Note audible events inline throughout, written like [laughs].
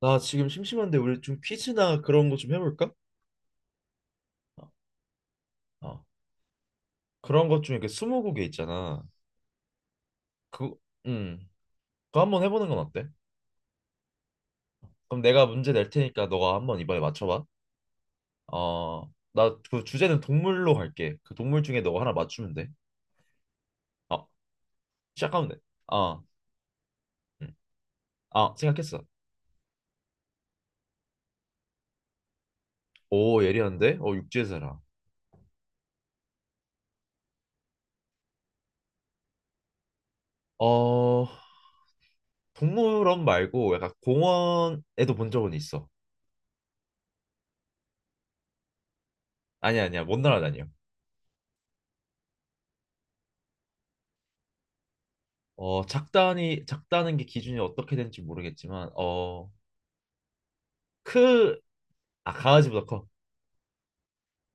나 지금 심심한데 우리 좀 퀴즈나 그런 거 좀 해볼까? 어, 어. 그런 것 중에 그 스무고개 있잖아. 그, 음, 그거 한번 해보는 건 어때? 그럼 내가 문제 낼 테니까 너가 한번 이번에 맞춰봐. 어, 나 그 주제는 동물로 할게. 그 동물 중에 너가 하나 맞추면 돼. 어, 시작하면 돼. 어, 음. 아, 생각했어. 오, 예리한데? 어, 육지에 살아. 어, 동물원 말고 약간 공원에도 본 적은 있어. 아니야, 아니야, 먼 나라 다녀. 어, 작다니, 작다는 게 기준이 어떻게 되는지 모르겠지만, 어, 크, 아, 강아지보다 커.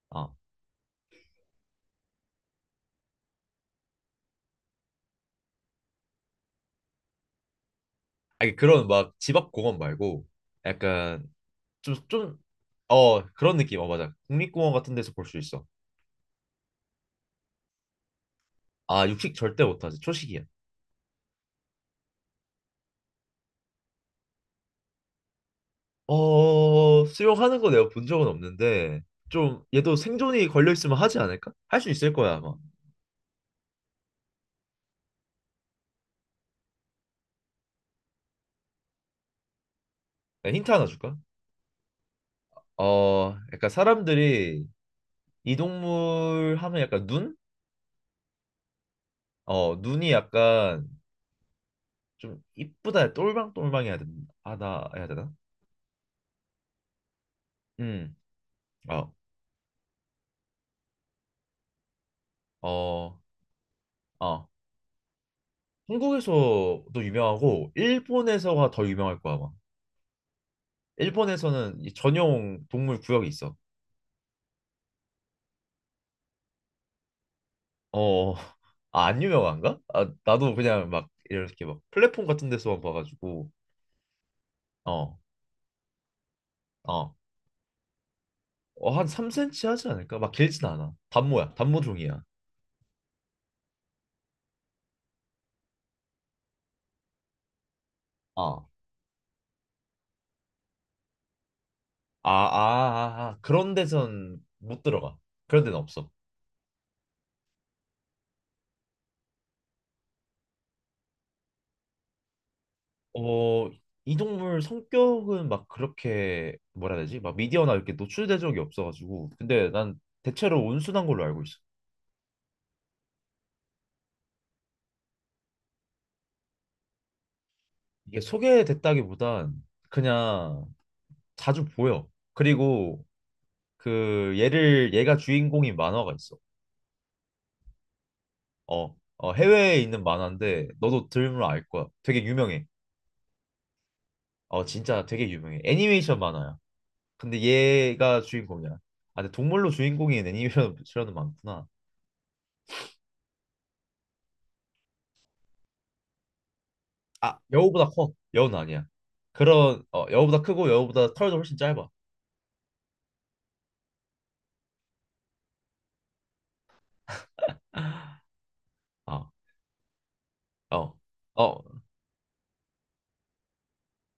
어. 아니, 그런 막 집 앞 공원 말고, 약간, 좀, 좀, 어, 그런 느낌. 어, 맞아. 국립공원 같은 데서 볼 수 있어. 아, 육식 절대 못하지. 초식이야. 어, 수영하는 거 내가 본 적은 없는데, 좀, 얘도 생존이 걸려있으면 하지 않을까? 할 수 있을 거야, 아마. 내가 힌트 하나 줄까? 어, 약간 사람들이 이 동물 하면 약간 눈? 어, 눈이 약간, 좀 이쁘다 똘망똘망해야 된 하다 해야 되나? 음. 어. 어. 어. 한국에서도 유명하고 일본에서가 더 유명할 거야, 아마. 일본에서는 이 전용 동물 구역이 있어. 어. [laughs] 아, 안 유명한가? 아, 나도 그냥 막 이렇게 막 플랫폼 같은 데서만 봐가지고 어. 어. 어, 한 3cm 하지 않을까? 막 길진 않아. 단모야. 단모 종이야. 어. 아. 그런 데선 못 들어가. 그런 데는 없어. 어, 이 동물 성격은 막 그렇게 뭐라 해야 되지? 막 미디어나 이렇게 노출된 적이 없어가지고. 근데 난 대체로 온순한 걸로 알고 있어. 이게 소개됐다기보단 그냥 자주 보여. 그리고 그 얘를 얘가 주인공인 만화가 있어. 어, 어 해외에 있는 만화인데 너도 들으면 알 거야. 되게 유명해. 어, 진짜 되게 유명해. 애니메이션 만화야. 근데 얘가 주인공이야. 아, 근데 동물로 주인공인 애니메이션은 많구나. 아, 여우보다 커. 여우는 아니야. 그런 어, 여우보다 크고 여우보다 털도 훨씬 짧아. 아, 어, 어,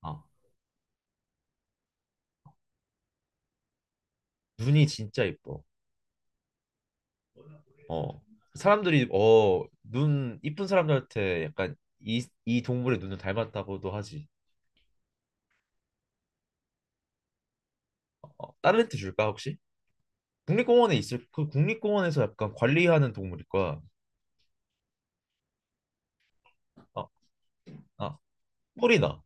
어 눈이 진짜 이뻐. 어, 사람들이 어, 눈 이쁜 사람들한테 약간 이 동물의 눈을 닮았다고도 하지. 어, 다른 힌트 줄까 혹시? 국립공원에 있을 그 국립공원에서 약간 관리하는 동물일 거야. 어, 아, 뿔이 나.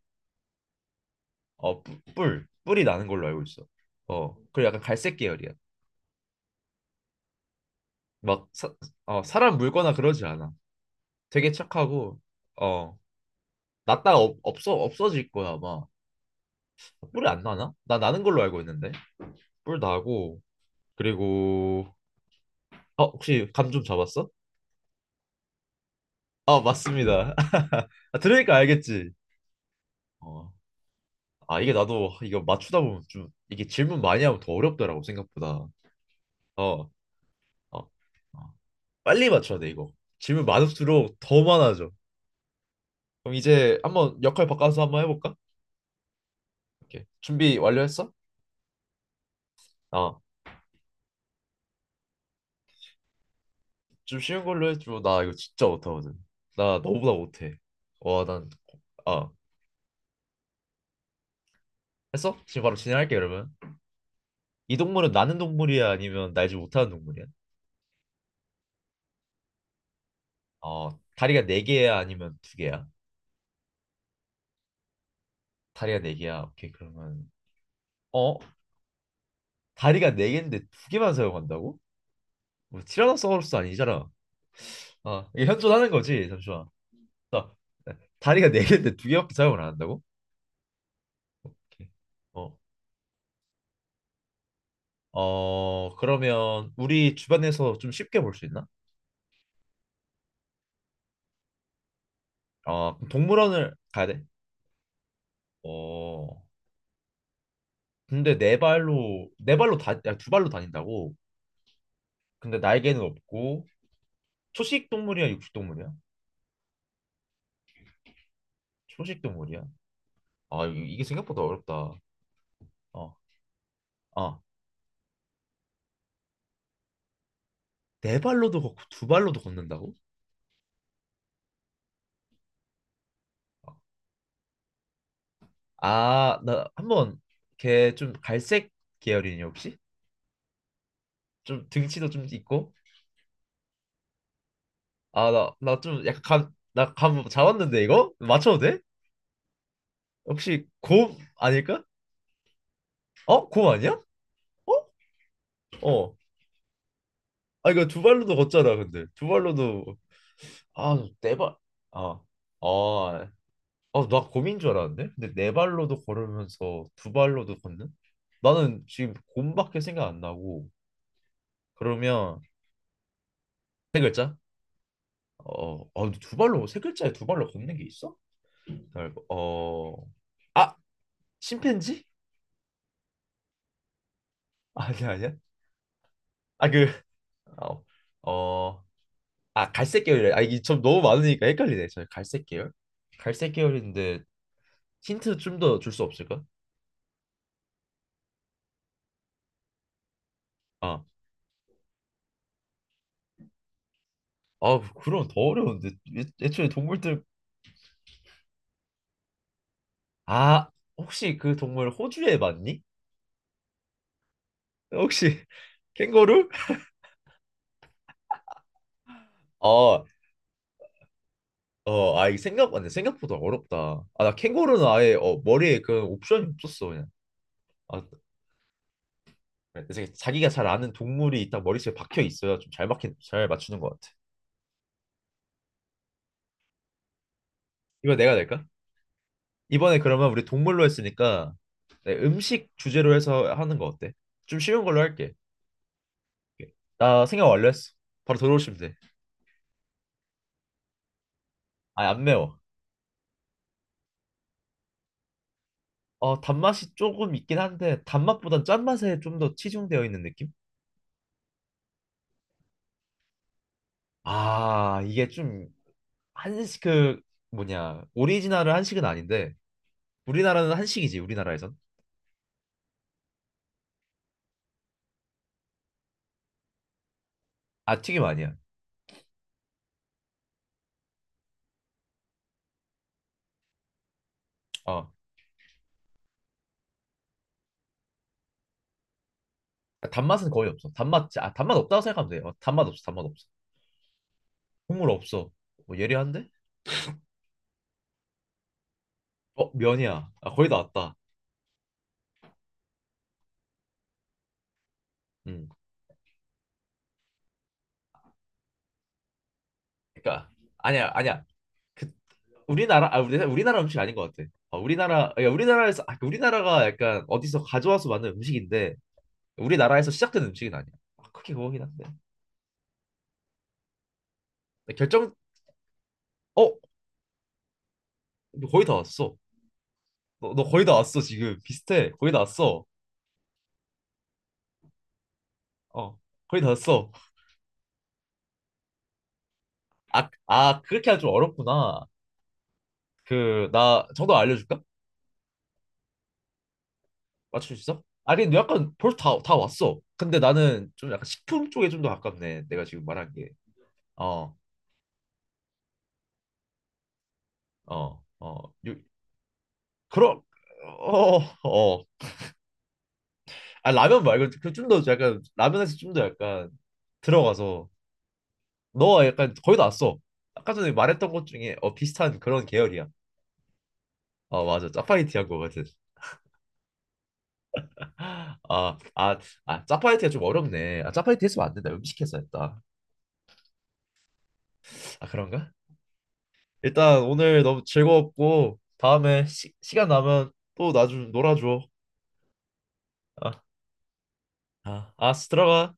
어, 뿔, 뿔. 뿔이 나는 걸로 알고 있어. 어, 그리고 약간 갈색 계열이야. 막 사, 어, 사람 물거나 그러지 않아. 되게 착하고 어 났다가 없, 없어 없어질 거야 아마. 뿔이 안 나나? 나 나는 걸로 알고 있는데 뿔 나고 그리고 어 혹시 감 좀 잡았어? 아 맞습니다. [laughs] 아, 들으니까 알겠지. 어 아 이게 나도 이거 맞추다 보면 좀 이게 질문 많이 하면 더 어렵더라고, 생각보다. 어, 어, 어. 빨리 맞춰야 돼 이거. 질문 많을수록 더 많아져. 그럼 이제 한번 역할 바꿔서 한번 해볼까? 이렇게 준비 완료했어? 어. 좀 쉬운 걸로 해줘. 나 이거 진짜 못하거든. 나 너보다 못해. 와, 난, 아, 했어? 지금 바로 진행할게, 그러면. 이 동물은 나는 동물이야? 아니면 날지 못하는 동물이야? 어, 다리가 네 개야? 아니면 두 개야? 다리가 네 개야. 오케이, 그러면. 어? 다리가 네 개인데 두 개만 사용한다고? 뭐, 티라노사우루스 아니잖아. 아, 이게 현존하는 거지. 잠시만. 나, 다리가 네 개인데 두 개밖에 사용을 안 한다고? 오케이. 어, 어, 그러면 우리 주변에서 좀 쉽게 볼 수 있나? 어, 그럼 동물원을 가야 돼? 어, 근데 네 발로, 네 발로 다, 아니, 두 발로 다닌다고? 근데 날개는 없고, 초식 동물이야, 육식 동물이야? 초식 동물이야? 아, 이게 생각보다 어렵다. 어, 아, 네 발로도 걷고, 두 발로도 걷는다고? 아, 나 한번 걔 좀 갈색 계열이니 혹시? 좀 등치도 좀 있고? 아, 나, 나 좀 약간 감, 나감 잡았는데 이거? 맞춰도 돼? 혹시 곰 아닐까? 어? 곰 아니야? 어? 어. 아, 이거 두 발로도 걷잖아, 근데. 두 발로도 아, 네 발. 아, 아, 아, 나 곰인 줄 알았는데? 근데 네 발로도 걸으면서 두 발로도 걷는? 나는 지금 곰밖에 생각 안 나고. 그러면 세 글자? 어, 아, 근데 두 발로 세 글자에 두 발로 걷는 게 있어? 어, 아, 심팬지? [laughs] 아니야, 아니야. 아, 그, 어, 어, 아, 갈색 계열이래. 아, 이게 좀 너무 많으니까 헷갈리네. 저 갈색 계열? 갈색 계열인데 힌트 좀 더 줄 수 없을까? 아, 아, 그, 그럼 더 어려운데. 애초에 동물들 아, 혹시 그 동물 호주에 맞니? 혹시 [laughs] 캥거루? 아, 어, 아, 이 생각 안 생각보다 어렵다. 아, 나 캥거루는 아예 어, 머리에 그 옵션이 없었어 그냥. 아, 그래서 자기가 잘 아는 동물이 있다 머릿속에 박혀 있어야 좀 잘 맞잘 맞추는 것 같아. 이거 내가 낼까? 이번에 그러면 우리 동물로 했으니까 네, 음식 주제로 해서 하는 거 어때? 좀 쉬운 걸로 할게. 오케이. 나 생각 완료했어. 바로 들어오시면 돼. 아, 안 매워. 어, 단맛이 조금 있긴 한데 단맛보단 짠맛에 좀 더 치중되어 있는 느낌? 아, 이게 좀 한식 그 뭐냐 오리지널은 한식은 아닌데 우리나라는 한식이지 우리나라에선. 아 튀김 아니야. 어 단맛은 거의 없어. 단맛 아 단맛 없다고 생각하면 돼. 어, 단맛 없어, 단맛 없어. 국물 없어. 뭐 예리한데? 어 면이야. 아 거의 다 왔다. 음, 그러니까 아니야 아니야. 그 우리나라 아 우리나라 음식 아닌 것 같아. 어, 우리나라 야, 우리나라에서 아, 그 우리나라가 약간 어디서 가져와서 만든 음식인데. 우리나라에서 시작된 음식은 아니야. 아, 크게 그거긴 한데. 근데 결정, 어? 너 거의 다 왔어. 너, 너 거의 다 왔어, 지금. 비슷해. 거의 다 왔어. 어, 거의 다 왔어. 아, 아, 그렇게 하면 좀 어렵구나. 그, 나 정답 알려줄까? 맞출 수 있어? 아니, 근데 약간 벌써 다 왔어. 근데 나는 좀 약간 식품 쪽에 좀 더 가깝네. 내가 지금 말한 게. 어, 어, 어. 요, 그럼, 어, 어. 아, 라면 말고 그 좀더 약간, 라면에서 좀 더 약간 들어가서 너 약간 거의 다 왔어. 아까 전에 말했던 것 중에 어, 비슷한 그런 계열이야. 어 맞아 짜파게티 한 거 같은. 아, 아, 아, 짜파게티가 좀 어렵네. 아, 짜파게티 했으면 안 된다. 음식해서 했다. 아, 그런가? 일단 오늘 너무 즐거웠고 다음에 시간 나면 또 나 좀 놀아줘. 아, 아, 들어가.